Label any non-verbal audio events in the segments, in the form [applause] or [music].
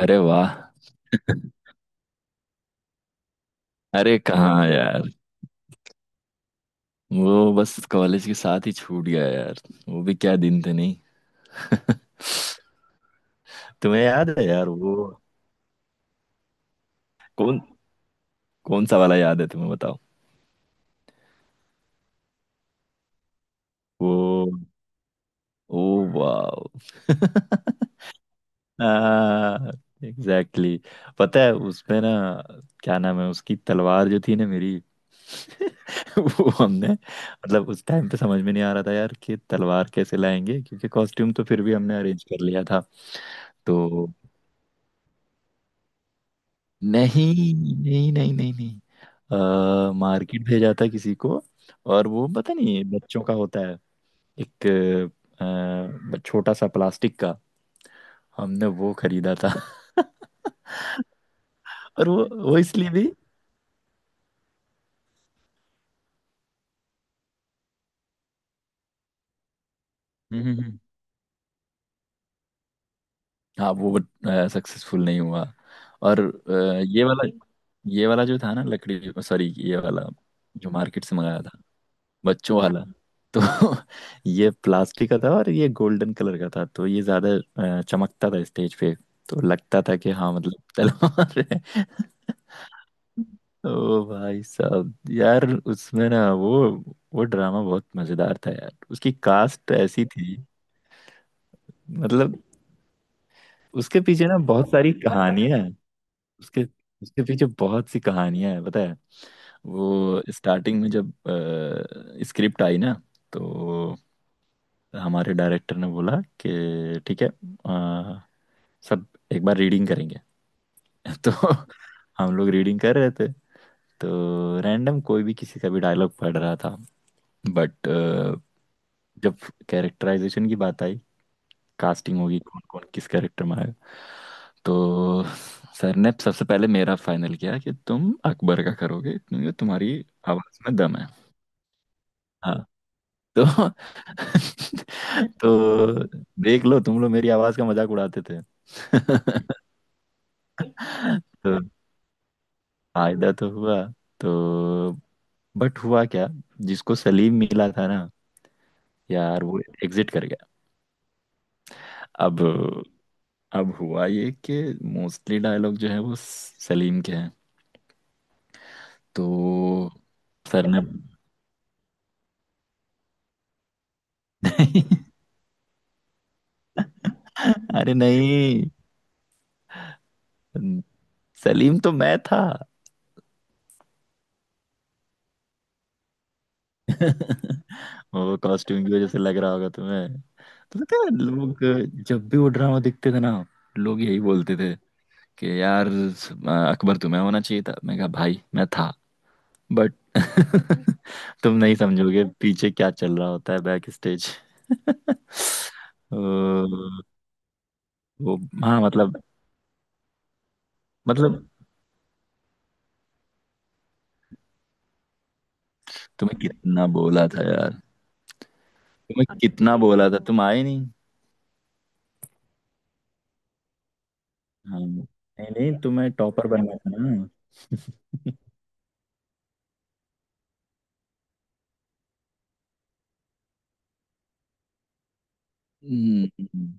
अरे वाह। अरे कहाँ यार। वो बस कॉलेज के साथ ही छूट गया यार। वो भी क्या दिन थे नहीं। तुम्हें याद है यार वो कौन कौन सा वाला याद है तुम्हें बताओ। वो ओ वाह। [laughs] Exactly exactly. पता है उसमें ना क्या नाम है उसकी तलवार जो थी ना मेरी। [laughs] वो हमने मतलब उस टाइम पे समझ में नहीं आ रहा था यार कि तलवार कैसे लाएंगे, क्योंकि कॉस्ट्यूम तो फिर भी हमने अरेंज कर लिया था। तो नहीं नहीं नहीं नहीं नहीं, मार्केट भेजा था किसी को। और वो पता नहीं बच्चों का होता है, एक छोटा सा प्लास्टिक का, हमने वो खरीदा था। [laughs] और वो इसलिए भी हम्म हम्म, हम्म। हाँ वो सक्सेसफुल नहीं हुआ। और ये वाला, ये वाला जो था ना लकड़ी सॉरी ये वाला जो मार्केट से मंगाया था, बच्चों वाला। तो [laughs] ये प्लास्टिक का था और ये गोल्डन कलर का था तो ये ज्यादा चमकता था स्टेज पे। तो लगता था कि हाँ मतलब तलवार है। [laughs] ओ भाई साहब यार, उसमें ना वो ड्रामा बहुत मजेदार था यार, उसकी कास्ट ऐसी थी मतलब। उसके पीछे ना बहुत सारी कहानियां हैं, उसके उसके पीछे बहुत सी कहानियां हैं पता है। वो स्टार्टिंग में जब स्क्रिप्ट आई ना तो हमारे डायरेक्टर ने बोला कि ठीक है, अ, सब एक बार रीडिंग करेंगे। [laughs] तो हम लोग रीडिंग कर रहे थे तो रैंडम कोई भी किसी का भी डायलॉग पढ़ रहा था, बट जब कैरेक्टराइजेशन की बात आई, कास्टिंग होगी कौन कौन किस कैरेक्टर में आएगा, तो सर ने सबसे पहले मेरा फाइनल किया कि तुम अकबर का करोगे क्योंकि तुम्हारी आवाज में दम है। हाँ, तो [laughs] तो देख लो तुम लोग मेरी आवाज का मजाक उड़ाते थे। [laughs] तो फायदा तो हुआ। तो बट हुआ क्या, जिसको सलीम मिला था ना यार, वो एग्जिट कर गया। अब अब हुआ ये कि मोस्टली डायलॉग जो है वो सलीम के हैं। तो सर ने [laughs] अरे नहीं, सलीम तो मैं था। [laughs] वो कॉस्ट्यूम की वजह से लग रहा होगा तुम्हें। तो पता है लोग जब भी वो ड्रामा देखते थे ना, लोग यही बोलते थे कि यार अकबर तुम्हें होना चाहिए था, मैं कहा भाई मैं था बट [laughs] तुम नहीं समझोगे पीछे क्या चल रहा होता है बैक स्टेज। [laughs] वो हाँ मतलब, मतलब तुम्हें कितना बोला था यार, तुम्हें कितना बोला था तुम आए नहीं। हाँ नहीं नहीं, तुम्हें टॉपर बनना था ना। हम्म,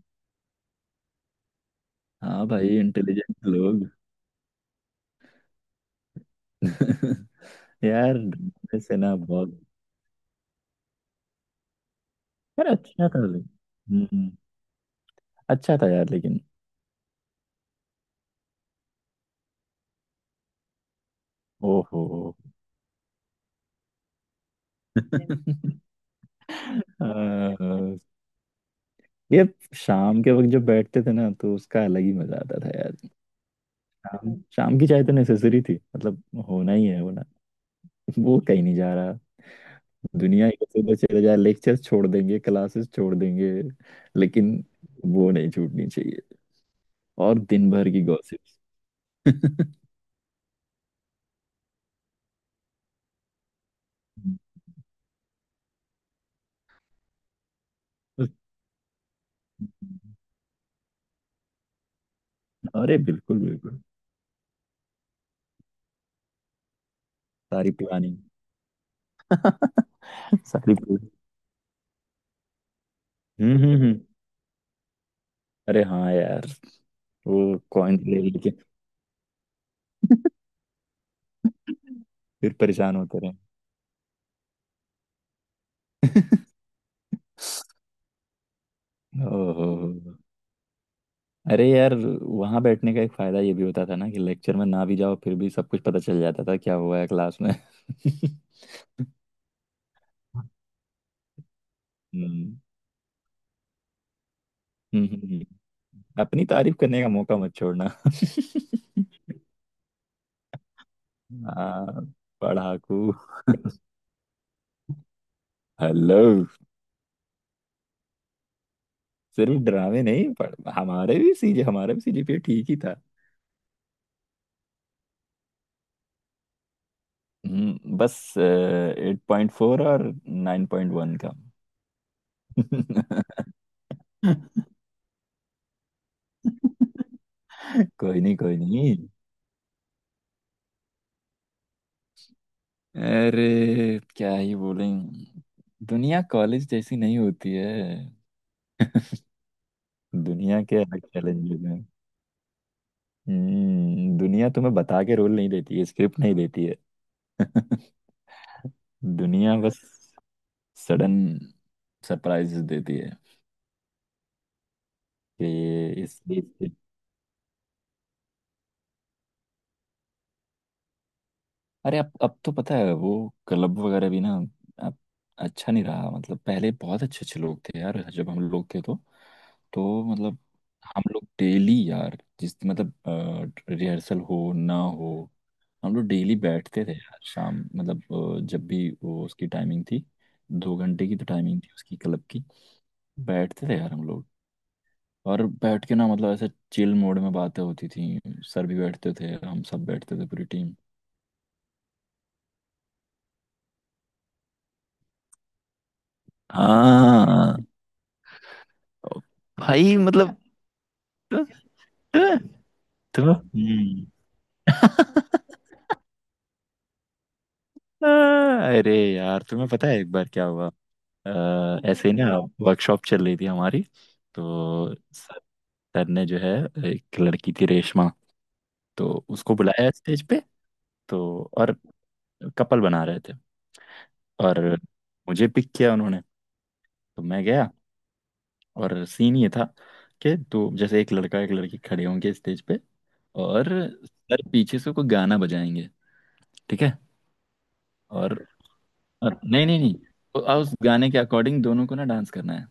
हाँ भाई इंटेलिजेंट लोग। [laughs] यार ड्रामे से ना बहुत, यार अच्छा था ले हम्म, अच्छा था यार लेकिन। ओहो [laughs] अह, ये शाम के वक्त जब बैठते थे ना तो उसका अलग ही मजा आता था यार। शाम शाम की चाय तो नेसेसरी थी, मतलब होना ही है होना। [laughs] वो कहीं नहीं जा रहा, दुनिया इधर से उधर चले जा, लेक्चर छोड़ देंगे क्लासेस छोड़ देंगे लेकिन वो नहीं छूटनी चाहिए, और दिन भर की गॉसिप। [laughs] अरे बिल्कुल बिल्कुल। सारी पुरानी [laughs] सारी पूरी। हम्म, अरे हाँ यार। वो कॉइन ले लेके फिर परेशान होते रहे। [laughs] ओहो, अरे यार वहां बैठने का एक फायदा ये भी होता था ना कि लेक्चर में ना भी जाओ फिर भी सब कुछ पता चल जाता था क्या हुआ है क्लास में। [laughs] हम्म हम्म, हम्म। अपनी तारीफ करने का मौका मत छोड़ना। हाँ पढ़ाकू। हेलो, सिर्फ ड्रामे नहीं पढ़, हमारे भी सीजे हमारे भी सीजीपीए ठीक ही था। बस 8.4 और 9.1 का। कोई नहीं कोई नहीं, अरे क्या ही बोलें, दुनिया कॉलेज जैसी नहीं होती है। दुनिया के अलग चैलेंजेस हैं। हम्म, दुनिया तुम्हें बता के रोल नहीं देती है, स्क्रिप्ट नहीं देती है। दुनिया बस सडन सरप्राइजेस देती है कि ये इस। अरे अब तो पता है वो क्लब वगैरह भी ना, अब अच्छा नहीं रहा। मतलब पहले बहुत अच्छे अच्छे लोग थे यार, जब हम लोग थे तो मतलब हम लोग डेली यार, जिस मतलब रिहर्सल हो ना हो हम लोग डेली बैठते थे यार शाम, मतलब जब भी वो उसकी टाइमिंग थी, 2 घंटे की तो टाइमिंग थी उसकी क्लब की, बैठते थे यार हम लोग। और बैठ के ना मतलब ऐसे चिल मोड में बातें होती थी। सर भी बैठते थे, हम सब बैठते थे, पूरी टीम। हाँ ओ, भाई मतलब तु- तु- तुम्हें। [laughs] अरे यार तुम्हें पता है एक बार क्या हुआ, ऐसे ही ना, वर्कशॉप चल रही थी हमारी। तो सर सर ने जो है, एक लड़की थी रेशमा, तो उसको बुलाया स्टेज पे, तो और कपल बना रहे थे और मुझे पिक किया उन्होंने। तो मैं गया और सीन ये था कि दो जैसे एक लड़का एक लड़की खड़े होंगे स्टेज पे, और सर पीछे से कोई गाना बजाएंगे। ठीक है और नहीं नहीं नहीं, तो उस गाने के अकॉर्डिंग दोनों को ना डांस करना है।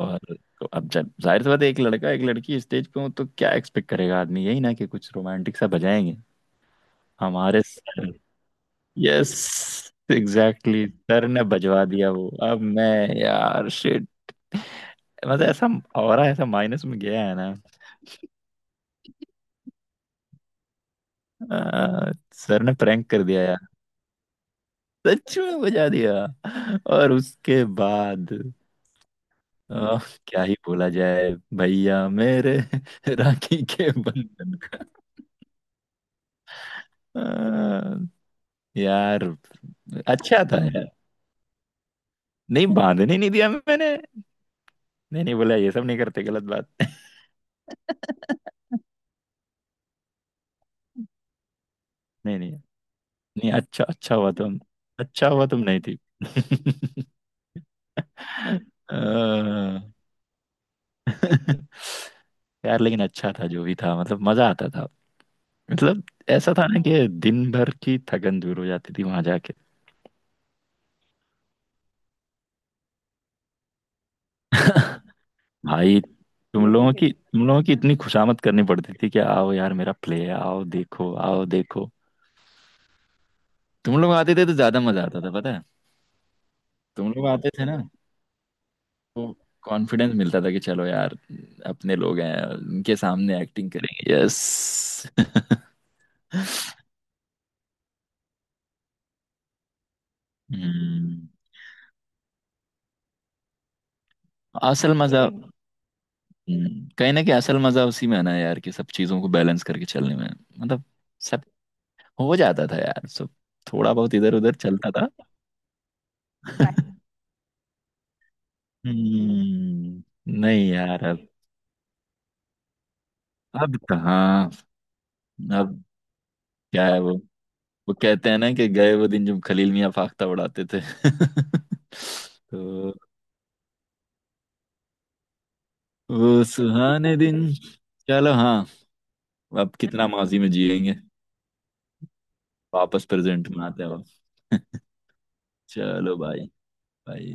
और तो अब जब जाहिर सी बात है एक लड़का एक लड़की स्टेज पे हो तो क्या एक्सपेक्ट करेगा आदमी, यही ना कि कुछ रोमांटिक सा बजाएंगे। हमारे सर, यस एग्जैक्टली, सर ने बजवा दिया वो। अब मैं, यार शिट, मतलब ऐसा ऑरा ऐसा माइनस में गया है ना। सर ने प्रैंक कर दिया यार, सच में बजा दिया। और उसके बाद आ, क्या ही बोला जाए, भैया मेरे [laughs] राखी के बंधन, आ, यार। अच्छा था यार, नहीं बांधने नहीं दिया मैंने, नहीं नहीं बोला ये सब नहीं करते गलत बात। [laughs] नहीं नहीं, नहीं अच्छा, अच्छा हुआ तुम, अच्छा हुआ तुम नहीं थी। [laughs] आ, [laughs] यार लेकिन अच्छा था जो भी था, मतलब मजा आता था मतलब। ऐसा था ना कि दिन भर की थकन दूर हो जाती थी वहां जाके। [laughs] भाई, तुम ये लोगों है की तुम लोगों की हाँ। इतनी खुशामद करनी पड़ती थी कि आओ यार मेरा प्ले है, आओ देखो आओ देखो। तुम लोग आते थे तो ज्यादा मजा आता था पता है। तुम लोग आते थे ना तो कॉन्फिडेंस मिलता था कि चलो यार, अपने लोग हैं उनके सामने एक्टिंग करेंगे, यस। हम्म, असल ये मजा है। कहीं ना कहीं असल मजा उसी में है ना यार, कि सब चीजों को बैलेंस करके चलने में, मतलब सब हो जाता था यार, सब थोड़ा बहुत इधर उधर चलता था। [laughs] बात नहीं यार, अब कहाँ, अब क्या है वो कहते हैं ना कि गए वो दिन जब खलील मियाँ फाख्ता उड़ाते थे। [laughs] तो वो सुहाने दिन, चलो हाँ, अब कितना माजी में जिएंगे, वापस प्रेजेंट में आते हैं अब। [laughs] चलो भाई, भाई